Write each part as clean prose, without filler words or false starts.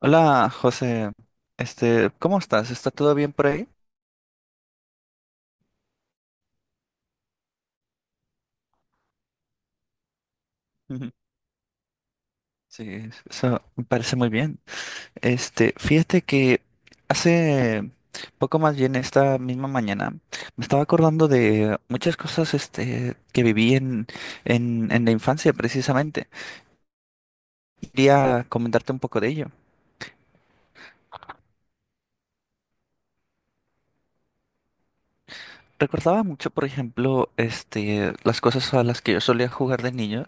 Hola, José. ¿Cómo estás? ¿Está todo bien por ahí? Ujú. Sí, eso me parece muy bien. Fíjate que hace poco, más bien esta misma mañana, me estaba acordando de muchas cosas que viví en, en la infancia precisamente. Quería comentarte un poco de ello. Recordaba mucho, por ejemplo, las cosas a las que yo solía jugar de niño.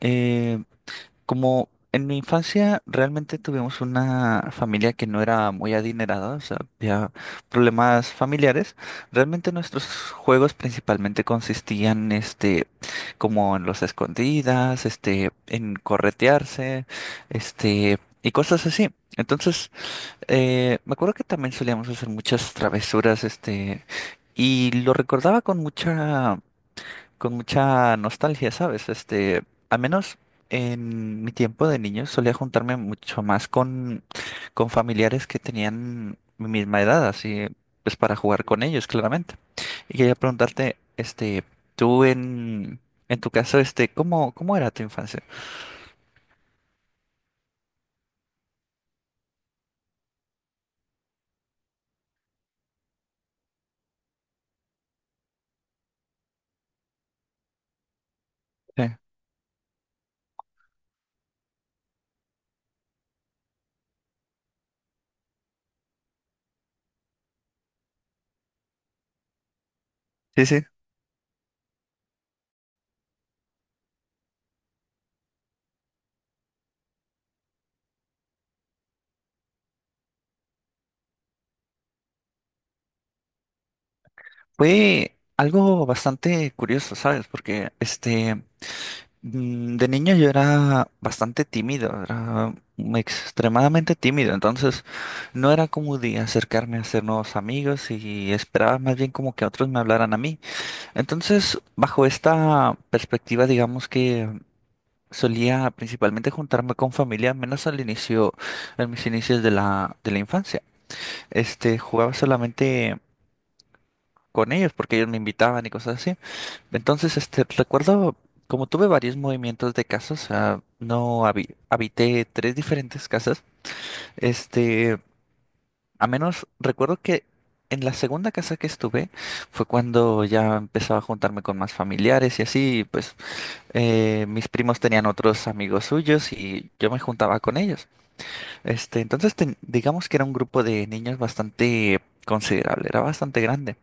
eh, Como en mi infancia realmente tuvimos una familia que no era muy adinerada, o sea, había problemas familiares. Realmente nuestros juegos principalmente consistían, como en los escondidas, en corretearse, y cosas así. Entonces, me acuerdo que también solíamos hacer muchas travesuras, y lo recordaba con mucha nostalgia, ¿sabes? Al menos en mi tiempo de niño solía juntarme mucho más con, familiares que tenían mi misma edad, así pues para jugar con ellos, claramente. Y quería preguntarte, tú en, tu caso, ¿cómo, era tu infancia? Sí, sí, sí. Fue algo bastante curioso, ¿sabes? Porque, de niño yo era bastante tímido, era extremadamente tímido, entonces no era como de acercarme a hacer nuevos amigos y esperaba más bien como que otros me hablaran a mí. Entonces, bajo esta perspectiva, digamos que solía principalmente juntarme con familia, menos al inicio, en mis inicios de la, infancia. Jugaba solamente con ellos porque ellos me invitaban y cosas así. Entonces, recuerdo, como tuve varios movimientos de casas. No habité tres diferentes casas. este, a menos recuerdo que en la segunda casa que estuve fue cuando ya empezaba a juntarme con más familiares y así, y pues mis primos tenían otros amigos suyos y yo me juntaba con ellos. Entonces, digamos que era un grupo de niños bastante considerable, era bastante grande.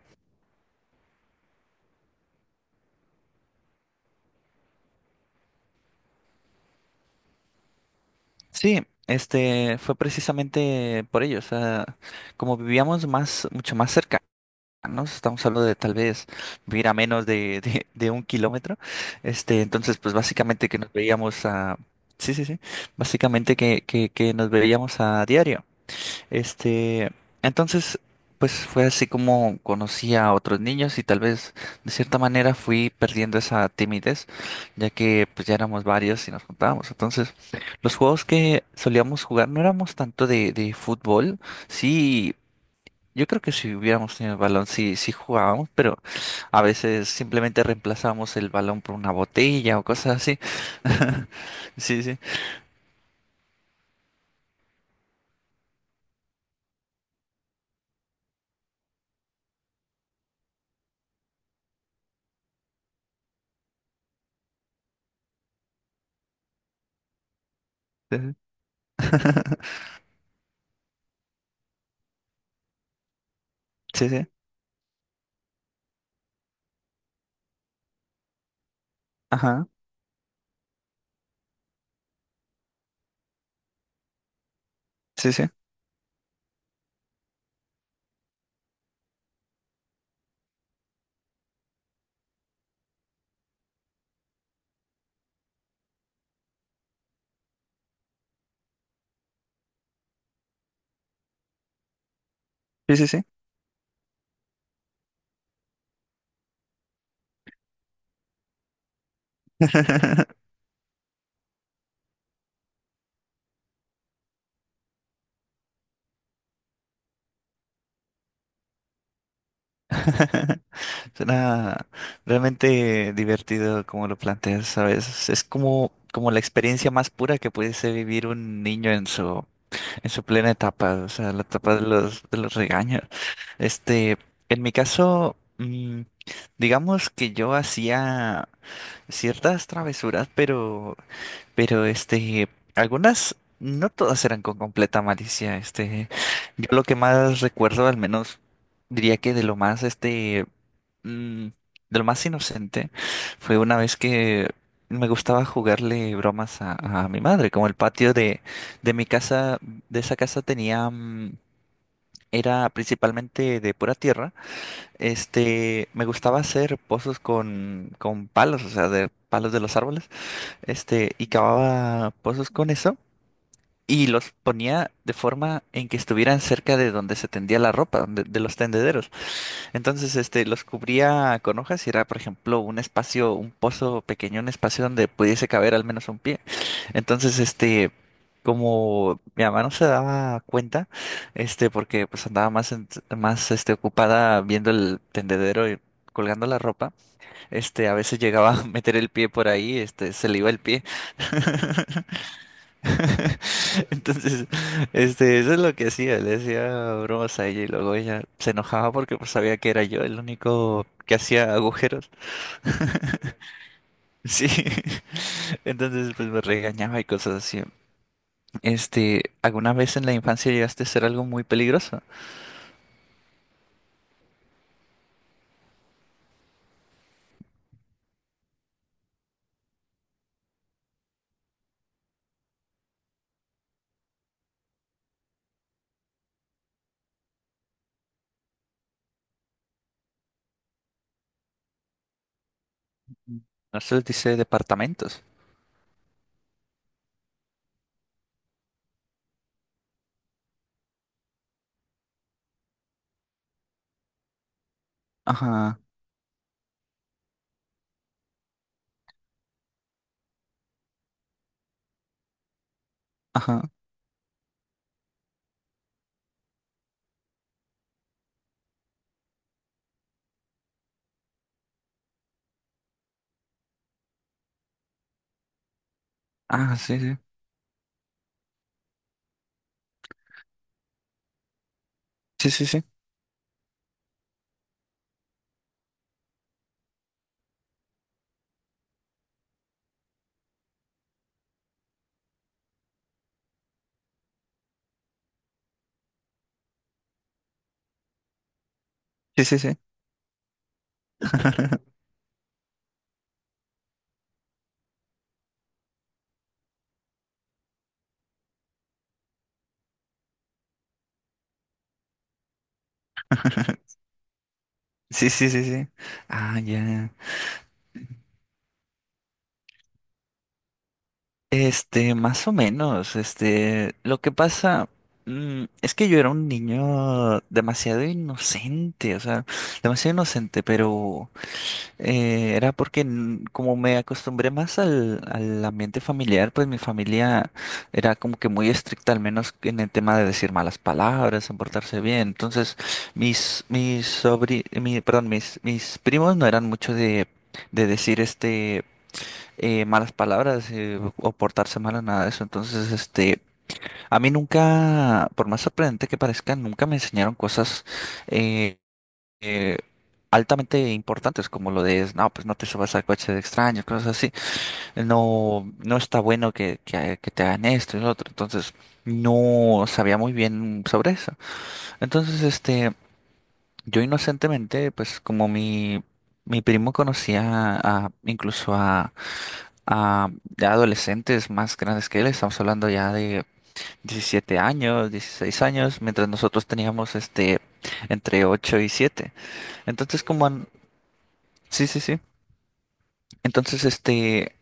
Sí, este fue precisamente por ello, o sea, como vivíamos más, mucho más cercanos, estamos hablando de tal vez vivir a menos de, de un kilómetro. Entonces pues básicamente que sí, sí, sí, básicamente que, que nos veíamos a diario. Este, entonces, pues fue así como conocí a otros niños y tal vez de cierta manera fui perdiendo esa timidez, ya que pues ya éramos varios y nos juntábamos. Entonces, los juegos que solíamos jugar no éramos tanto de, fútbol. Sí, yo creo que si hubiéramos tenido el balón, sí, sí jugábamos, pero a veces simplemente reemplazábamos el balón por una botella o cosas así. Sí, sí. Sí, sí. Sí, sí. Ajá. Sí, sí. Sí, sí, sí. Suena realmente divertido como lo planteas, ¿sabes? Es como, como la experiencia más pura que pudiese vivir un niño en su plena etapa, o sea, la etapa de los, regaños. Este, en mi caso, digamos que yo hacía ciertas travesuras, pero pero este, algunas, no todas eran con completa malicia. Yo lo que más recuerdo, al menos diría que de lo más mm, de lo más inocente, fue una vez que me gustaba jugarle bromas a, mi madre. Como el patio de, mi casa, de esa casa tenía, era principalmente de pura tierra. Me gustaba hacer pozos con, palos, o sea, de palos de los árboles, y cavaba pozos con eso y los ponía de forma en que estuvieran cerca de donde se tendía la ropa, de, los tendederos. Entonces, los cubría con hojas y era, por ejemplo, un espacio, un pozo pequeño, un espacio donde pudiese caber al menos un pie. Entonces, como mi mamá no se daba cuenta, porque pues andaba más, más ocupada viendo el tendedero y colgando la ropa. A veces llegaba a meter el pie por ahí, se le iba el pie. Entonces, eso es lo que hacía, le hacía bromas a ella y luego ella se enojaba porque pues sabía que era yo el único que hacía agujeros. Sí. Entonces, pues me regañaba y cosas así. ¿Alguna vez en la infancia llegaste a hacer algo muy peligroso? No se les dice departamentos. Ajá, ajá. Ah, sí, sí. Sí, sí, sí. Sí, sí, sí. Sí, sí, sí, sí. Ah, ya. Más o menos, lo que pasa es que yo era un niño demasiado inocente, o sea, demasiado inocente. Pero era porque como me acostumbré más al, ambiente familiar, pues mi familia era como que muy estricta, al menos en el tema de decir malas palabras, en portarse bien. Entonces perdón, mis primos no eran mucho de, decir malas palabras, o portarse mal o nada de eso. Entonces, a mí nunca, por más sorprendente que parezca, nunca me enseñaron cosas eh, eh, altamente importantes como lo de, no, pues no te subas al coche de extraños, cosas así. No, no está bueno que, que te hagan esto y lo otro. Entonces, no sabía muy bien sobre eso. Entonces, yo inocentemente, pues como mi... Mi primo conocía a, incluso a, a ya adolescentes más grandes que él. Estamos hablando ya de 17 años, 16 años, mientras nosotros teníamos entre 8 y 7. Entonces, sí, sí, sí. Entonces, este,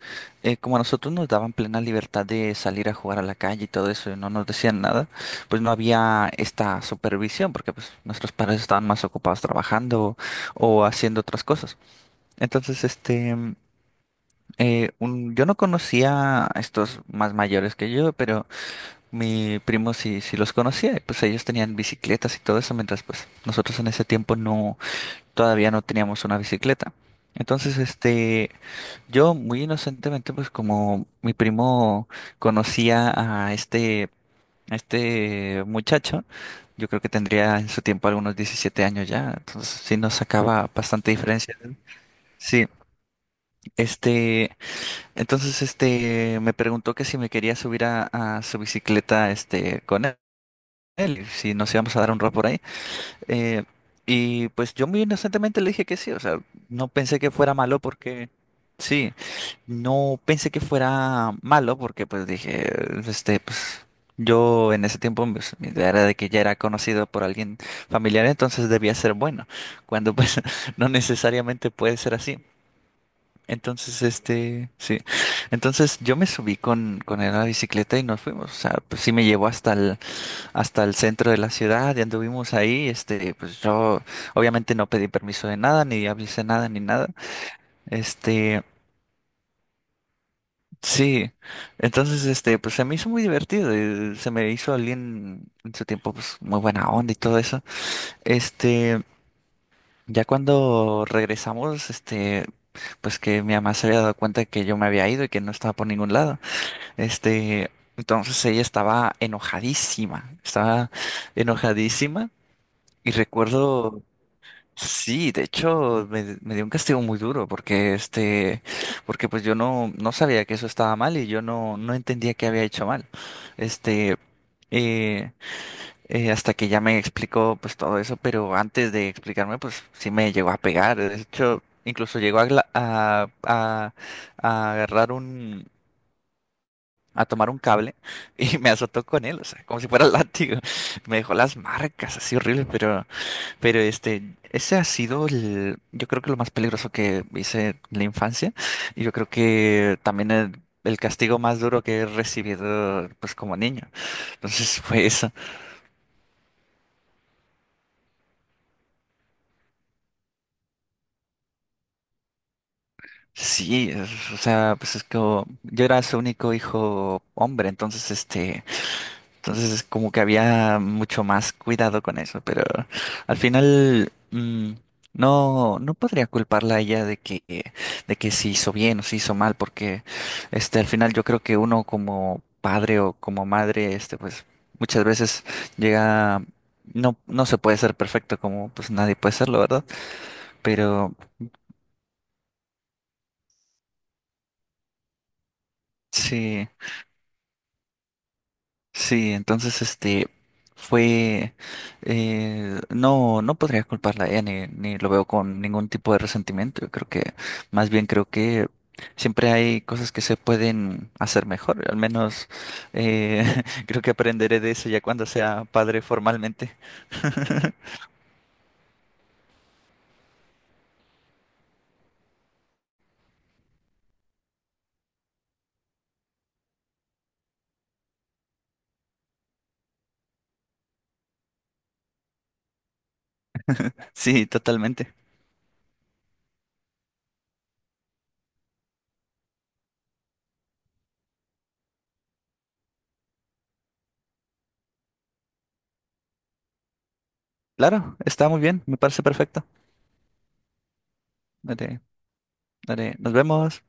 eh, como a nosotros nos daban plena libertad de salir a jugar a la calle y todo eso, y no nos decían nada, pues no había esta supervisión, porque pues nuestros padres estaban más ocupados trabajando o haciendo otras cosas. Entonces, yo no conocía a estos más mayores que yo, pero mi primo sí, sí los conocía, y pues ellos tenían bicicletas y todo eso, mientras pues nosotros en ese tiempo no, todavía no teníamos una bicicleta. Entonces, yo muy inocentemente, pues como mi primo conocía a este muchacho. Yo creo que tendría en su tiempo algunos 17 años ya, entonces sí nos sacaba bastante diferencia. Sí, este, entonces, me preguntó que si me quería subir a, su bicicleta, con él, y si nos íbamos a dar un rol por ahí. Eh, y pues yo muy inocentemente le dije que sí, o sea, no pensé que fuera malo porque, sí, no pensé que fuera malo porque pues dije, pues yo en ese tiempo, pues mi idea era de que ya era conocido por alguien familiar, entonces debía ser bueno, cuando pues no necesariamente puede ser así. Entonces, sí. Entonces yo me subí con, él a la bicicleta y nos fuimos. O sea, pues sí me llevó hasta el, centro de la ciudad y anduvimos ahí. Pues yo obviamente no pedí permiso de nada, ni avisé nada, ni nada. Este, sí. Entonces, pues se me hizo muy divertido. Y se me hizo alguien en su tiempo, pues muy buena onda y todo eso. Este. Ya cuando regresamos, pues que mi mamá se había dado cuenta que yo me había ido y que no estaba por ningún lado. Este, entonces ella estaba enojadísima, estaba enojadísima, y recuerdo, sí, de hecho me, dio un castigo muy duro porque porque pues yo no, no sabía que eso estaba mal y yo no, no entendía que había hecho mal. Este, eh, Hasta que ya me explicó pues todo eso. Pero antes de explicarme pues sí me llegó a pegar, de hecho incluso llegó a, a agarrar, a tomar un cable, y me azotó con él, o sea, como si fuera látigo. Me dejó las marcas así horribles, pero, pero este, ese ha sido el, yo creo que lo más peligroso que hice en la infancia. Y yo creo que también el castigo más duro que he recibido, pues como niño. Entonces fue eso. Sí, o sea, pues es que yo era su único hijo hombre. Entonces este. Entonces es como que había mucho más cuidado con eso. Pero al final no, no podría culparla a ella de que, se hizo bien o se hizo mal, porque al final yo creo que uno como padre o como madre, pues muchas veces llega, no, no se puede ser perfecto, como pues nadie puede serlo, ¿verdad? Pero sí. Sí, entonces fue, no, no podría culparla a ella, ni, lo veo con ningún tipo de resentimiento. Yo creo que más bien creo que siempre hay cosas que se pueden hacer mejor. Al menos creo que aprenderé de eso ya cuando sea padre formalmente. Sí, totalmente. Claro, está muy bien, me parece perfecto. Dale, dale, nos vemos.